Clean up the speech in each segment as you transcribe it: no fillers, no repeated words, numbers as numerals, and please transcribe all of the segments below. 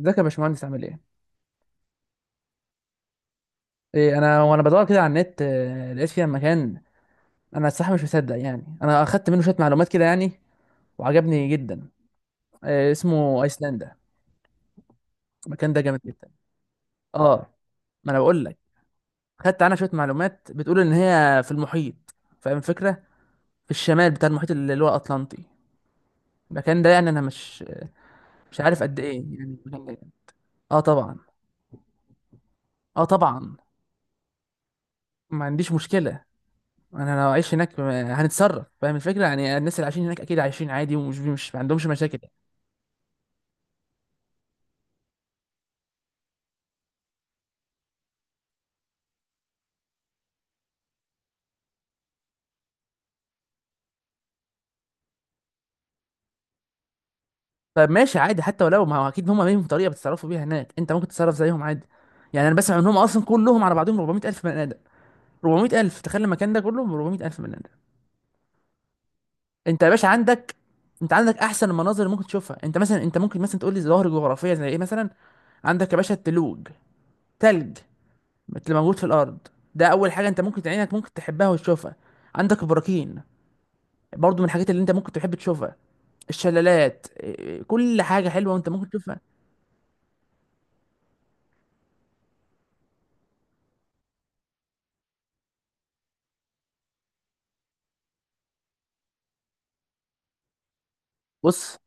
ازيك يا باشمهندس عامل ايه؟ ايه، انا وانا بدور كده على النت، لقيت فيها مكان. انا الصراحه مش مصدق، يعني انا اخدت منه شويه معلومات كده يعني. وعجبني جدا. اسمه ايسلندا. المكان ده جامد جدا. اه، ما انا بقول لك، خدت عنها شويه معلومات، بتقول ان هي في المحيط. فاهم الفكره؟ في الشمال بتاع المحيط اللي هو الاطلنطي. المكان ده يعني انا مش عارف قد ايه، يعني المكان ده. اه طبعا. اه طبعا، ما عنديش مشكله. انا لو عايش هناك، هنتصرف. فاهم الفكره؟ يعني الناس اللي عايشين هناك اكيد عايشين عادي، ومش مش ما عندهمش مشاكل يعني. طب ماشي عادي حتى ولو، ما هو اكيد هم ليهم طريقه بيتصرفوا بيها هناك، انت ممكن تتصرف زيهم عادي. يعني انا بسمع ان هم اصلا كلهم على بعضهم 400000 بني ادم. 400000، تخيل المكان ده كله ب 400000 بني ادم. انت يا باشا عندك، انت عندك احسن المناظر اللي ممكن تشوفها. انت مثلا، انت ممكن مثلا تقول لي ظواهر جغرافيه زي ايه مثلا. عندك يا باشا التلوج، تلج اللي موجود في الارض. ده اول حاجه انت ممكن عينك ممكن تحبها وتشوفها. عندك البراكين، برضو من الحاجات اللي انت ممكن تحب تشوفها. الشلالات، إيه، كل حاجه حلوه انت ممكن تشوفها. بص،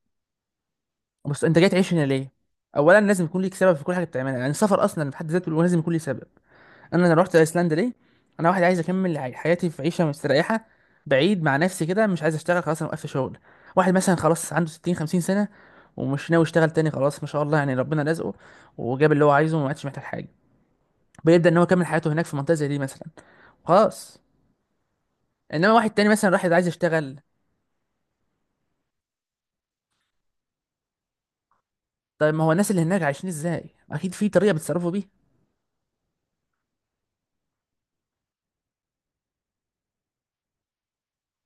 بص انت جاي تعيش هنا ليه؟ اولا لازم يكون ليك سبب في كل حاجه بتعملها، يعني السفر اصلا في حد ذاته لازم يكون ليه سبب. انا رحت ايسلندا ليه؟ انا واحد عايز اكمل حياتي في عيشه مستريحه، بعيد مع نفسي كده، مش عايز اشتغل خلاص، انا وقفت شغل. واحد مثلا خلاص عنده 60 50 سنه ومش ناوي يشتغل تاني، خلاص ما شاء الله، يعني ربنا رزقه وجاب اللي هو عايزه وما عادش محتاج حاجه. بيبدا ان هو يكمل حياته هناك في منطقه زي دي مثلا. خلاص. انما واحد تاني مثلا راح عايز يشتغل. طيب ما هو الناس اللي هناك عايشين ازاي؟ اكيد في طريقه بيتصرفوا بيها.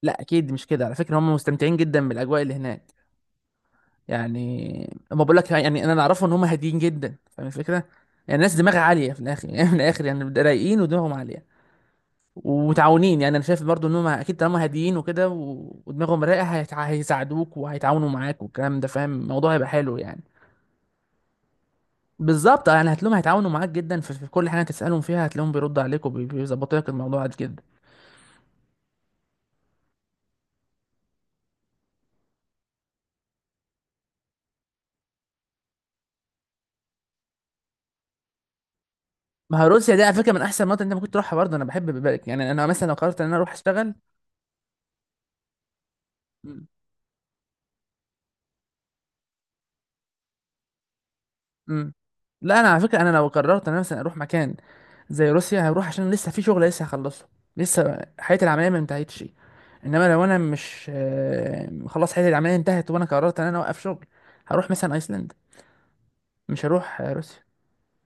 لا اكيد مش كده على فكره، هم مستمتعين جدا بالاجواء اللي هناك. يعني اما بقول لك، يعني انا اللي اعرفه ان هم هاديين جدا، فاهم الفكره؟ يعني الناس دماغها عاليه في الاخر يعني من الاخر، يعني رايقين ودماغهم عاليه ومتعاونين. يعني انا شايف برضو ان هم اكيد طالما هاديين وكده ودماغهم رايقه، هيساعدوك وهيتعاونوا معاك والكلام ده، فاهم الموضوع؟ هيبقى حلو يعني. بالظبط، يعني هتلاقيهم هيتعاونوا معاك جدا في كل حاجه تسالهم فيها، هتلاقيهم بيردوا عليك وبيظبطوا لك الموضوع جدا. ما هو روسيا دي على فكره من احسن المناطق اللي انت ممكن تروحها برضه. انا بحب بالك، يعني انا مثلا لو قررت ان انا اروح اشتغل. مم. مم. لا انا على فكره، انا لو قررت ان انا مثلا اروح مكان زي روسيا، هروح عشان لسه في شغل لسه هخلصه، لسه حياتي العمليه ما انتهتش. انما لو انا مش، خلاص حياتي العمليه انتهت، وانا قررت ان انا اوقف شغل، هروح مثلا ايسلند، مش هروح روسيا.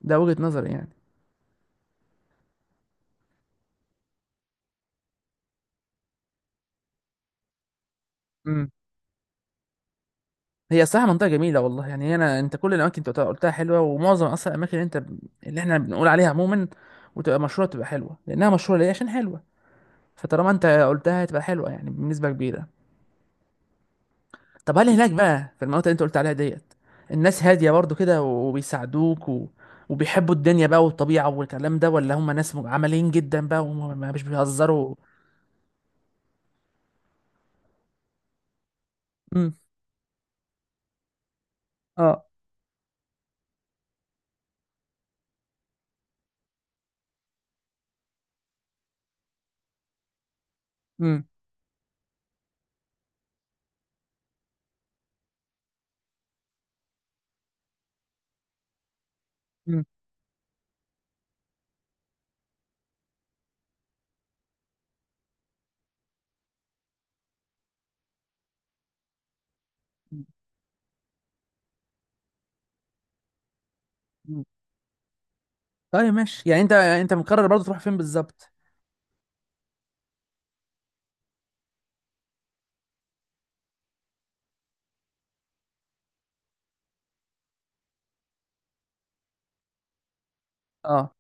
ده وجهه نظري يعني. هي صراحة منطقة جميلة والله، يعني أنا، أنت كل الأماكن أنت قلتها حلوة، ومعظم أصلا الأماكن اللي أنت اللي إحنا بنقول عليها عموما وتبقى مشهورة تبقى حلوة، لأنها مشهورة ليه؟ عشان حلوة. فطالما أنت قلتها هتبقى حلوة يعني بنسبة كبيرة. طب هل هناك بقى في المناطق اللي أنت قلت عليها ديت الناس هادية برضو كده وبيساعدوك وبيحبوا الدنيا بقى والطبيعة والكلام ده، ولا هم ناس عمليين جدا بقى وما مش بيهزروا؟ امم. اه. امم. امم. أمم. طيب ماشي، يعني أنت مقرر برضو تروح فين بالظبط؟ اه،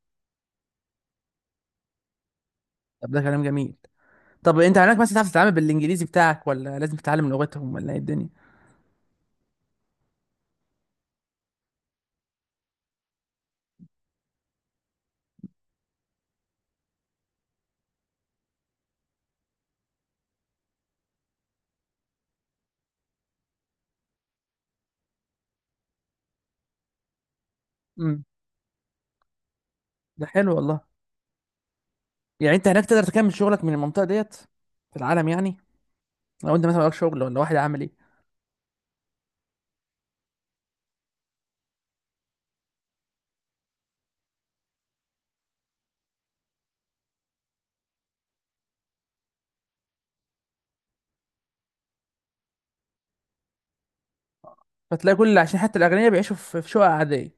طب ده كلام جميل. طب انت هناك مثلا تعرف تتعامل بالانجليزي بتاعك ولا لازم تتعلم لغتهم ولا ايه الدنيا؟ امم. ده حلو والله. يعني انت هناك تقدر تكمل شغلك من المنطقه ديت في العالم يعني؟ لو انت مثلا وراك شغل ولا واحد عامل ايه؟ فتلاقي كل عشان حتى الاغنياء بيعيشوا في شقق عاديه.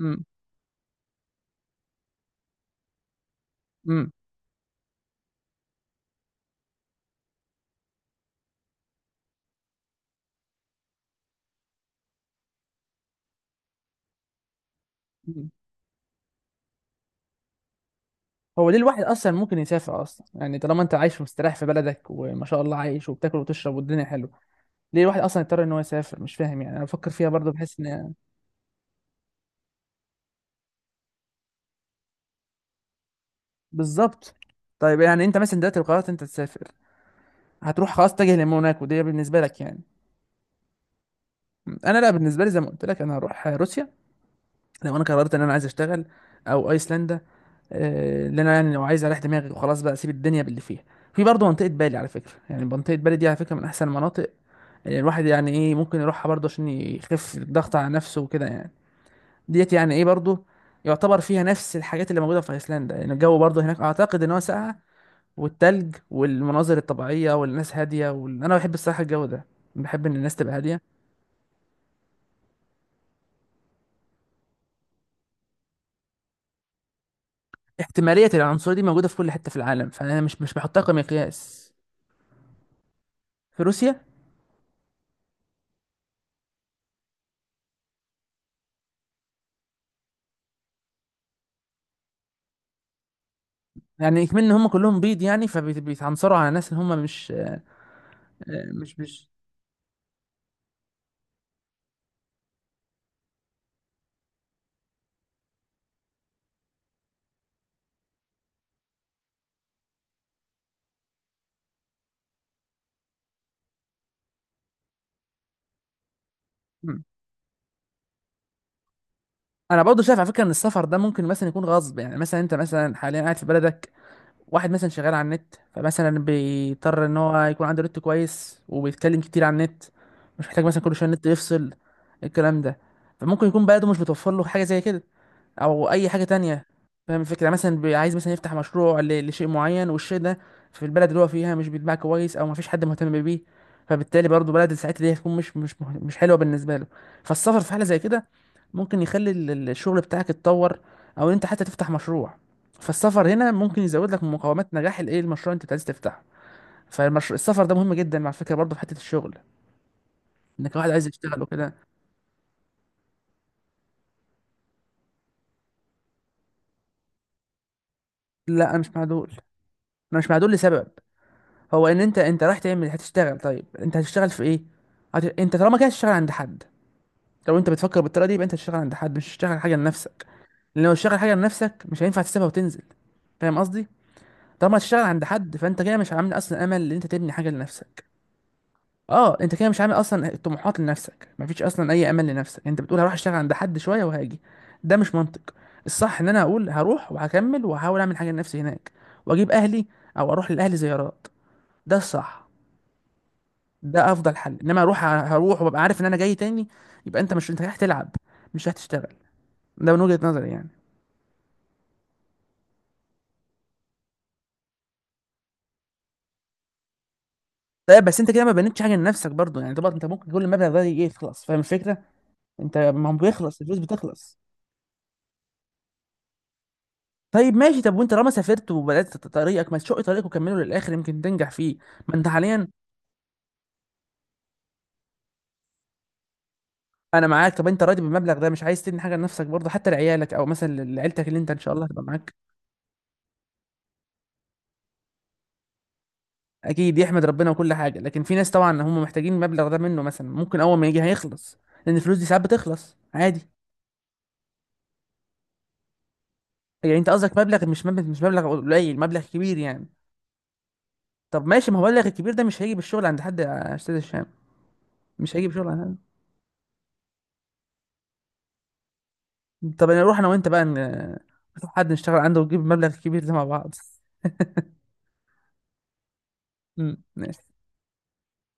امم. امم. امم. هو ليه الواحد اصلا ممكن يسافر اصلا؟ يعني طالما انت عايش ومستريح في بلدك وما شاء الله عايش وبتاكل وتشرب والدنيا حلوه، ليه الواحد اصلا يضطر ان هو يسافر؟ مش فاهم. يعني انا بفكر فيها برضه، بحس ان. بالظبط. طيب يعني انت مثلا دلوقتي لو قررت انت تسافر هتروح خلاص تتجه لموناكو دي بالنسبه لك يعني؟ انا لا، بالنسبه لي زي ما قلت لك، انا هروح روسيا لو انا قررت ان انا عايز اشتغل، او ايسلندا، اللي انا يعني لو عايز اريح دماغي وخلاص بقى اسيب الدنيا باللي فيها. في برضه منطقه بالي على فكره، يعني منطقه بالي دي على فكره من احسن المناطق، يعني الواحد يعني ايه، ممكن يروحها برضه عشان يخف الضغط على نفسه وكده يعني. ديت يعني ايه برضه يعتبر فيها نفس الحاجات اللي موجوده في ايسلندا، يعني الجو برضه هناك اعتقد ان هو ساقع، والتلج والمناظر الطبيعيه والناس هاديه انا بحب الصراحه الجو ده، بحب ان الناس تبقى هاديه. احتمالية العنصرية دي موجودة في كل حتة في العالم، فأنا مش بحطها كمقياس. في روسيا، يعني كمان إن هم كلهم بيض يعني فبيتعنصروا على ناس اللي هم مش، مش. مم. أنا برضه شايف على فكرة إن السفر ده ممكن مثلا يكون غصب، يعني مثلا أنت مثلا حاليا قاعد في بلدك، واحد مثلا شغال على النت فمثلا بيضطر إن هو يكون عنده نت كويس وبيتكلم كتير على النت، مش محتاج مثلا كل شوية النت يفصل، الكلام ده. فممكن يكون بلده مش بتوفر له حاجة زي كده او اي حاجه تانية. فاهم الفكره؟ يعني مثلا عايز مثلا يفتح مشروع لشيء معين، والشيء ده في البلد اللي هو فيها مش بيتباع كويس او مفيش حد مهتم بيه، فبالتالي برضه بلد ساعتها دي هتكون مش حلوه بالنسبه له. فالسفر في حاله زي كده ممكن يخلي الشغل بتاعك يتطور، او ان انت حتى تفتح مشروع. فالسفر هنا ممكن يزود لك من مقومات نجاح الايه المشروع اللي انت عايز تفتحه. فالمشروع، السفر ده مهم جدا، مع فكره برضه في حته الشغل، انك واحد عايز يشتغل وكده. لا انا مش مع دول. انا مش مع دول لسبب، هو ان انت رايح تعمل هتشتغل، طيب انت هتشتغل في ايه؟ انت طالما كده هتشتغل عند حد. لو انت بتفكر بالطريقه دي يبقى انت هتشتغل عند حد، مش هتشتغل حاجه لنفسك. لان لو تشتغل حاجه لنفسك مش هينفع تسيبها وتنزل، فاهم قصدي؟ طالما هتشتغل عند حد فانت كده مش عامل اصلا امل ان انت تبني حاجه لنفسك. اه، انت كده مش عامل اصلا طموحات لنفسك، مفيش اصلا اي امل لنفسك، انت بتقول هروح اشتغل عند حد شويه وهاجي. ده مش منطق. الصح ان انا اقول هروح وهكمل وهحاول اعمل حاجه لنفسي هناك، واجيب اهلي او اروح لاهلي زيارات. ده الصح، ده افضل حل. انما هروح وابقى عارف ان انا جاي تاني، يبقى انت مش، انت رايح تلعب، مش رايح تشتغل. ده من وجهة نظري يعني. طيب بس انت كده ما بنيتش حاجه لنفسك برضو، يعني طبعا انت ممكن كل المبلغ ده يخلص، فاهم الفكره؟ انت ما هو بيخلص الفلوس بتخلص. طيب ماشي، طب وانت لما سافرت وبدات طريقك، ما تشق طريقك وكمله للاخر يمكن تنجح فيه. ما انت حاليا، انا معاك، طب انت راضي بالمبلغ ده مش عايز تدي حاجه لنفسك برضه حتى لعيالك او مثلا لعيلتك اللي انت ان شاء الله هتبقى معاك؟ اكيد يحمد ربنا وكل حاجه، لكن في ناس طبعا هم محتاجين المبلغ ده منه، مثلا ممكن اول ما يجي هيخلص، لان الفلوس دي ساعات بتخلص عادي. يعني انت قصدك مبلغ، مش مبلغ، مش مبلغ قليل، مبلغ كبير يعني. طب ماشي، ما هو المبلغ الكبير ده مش هيجي بالشغل عند حد يا استاذ هشام، مش هيجي بشغل عند حد. طب انا اروح انا وانت بقى نشوف حد نشتغل عنده، ونجيب المبلغ الكبير ده مع بعض امم. ماشي.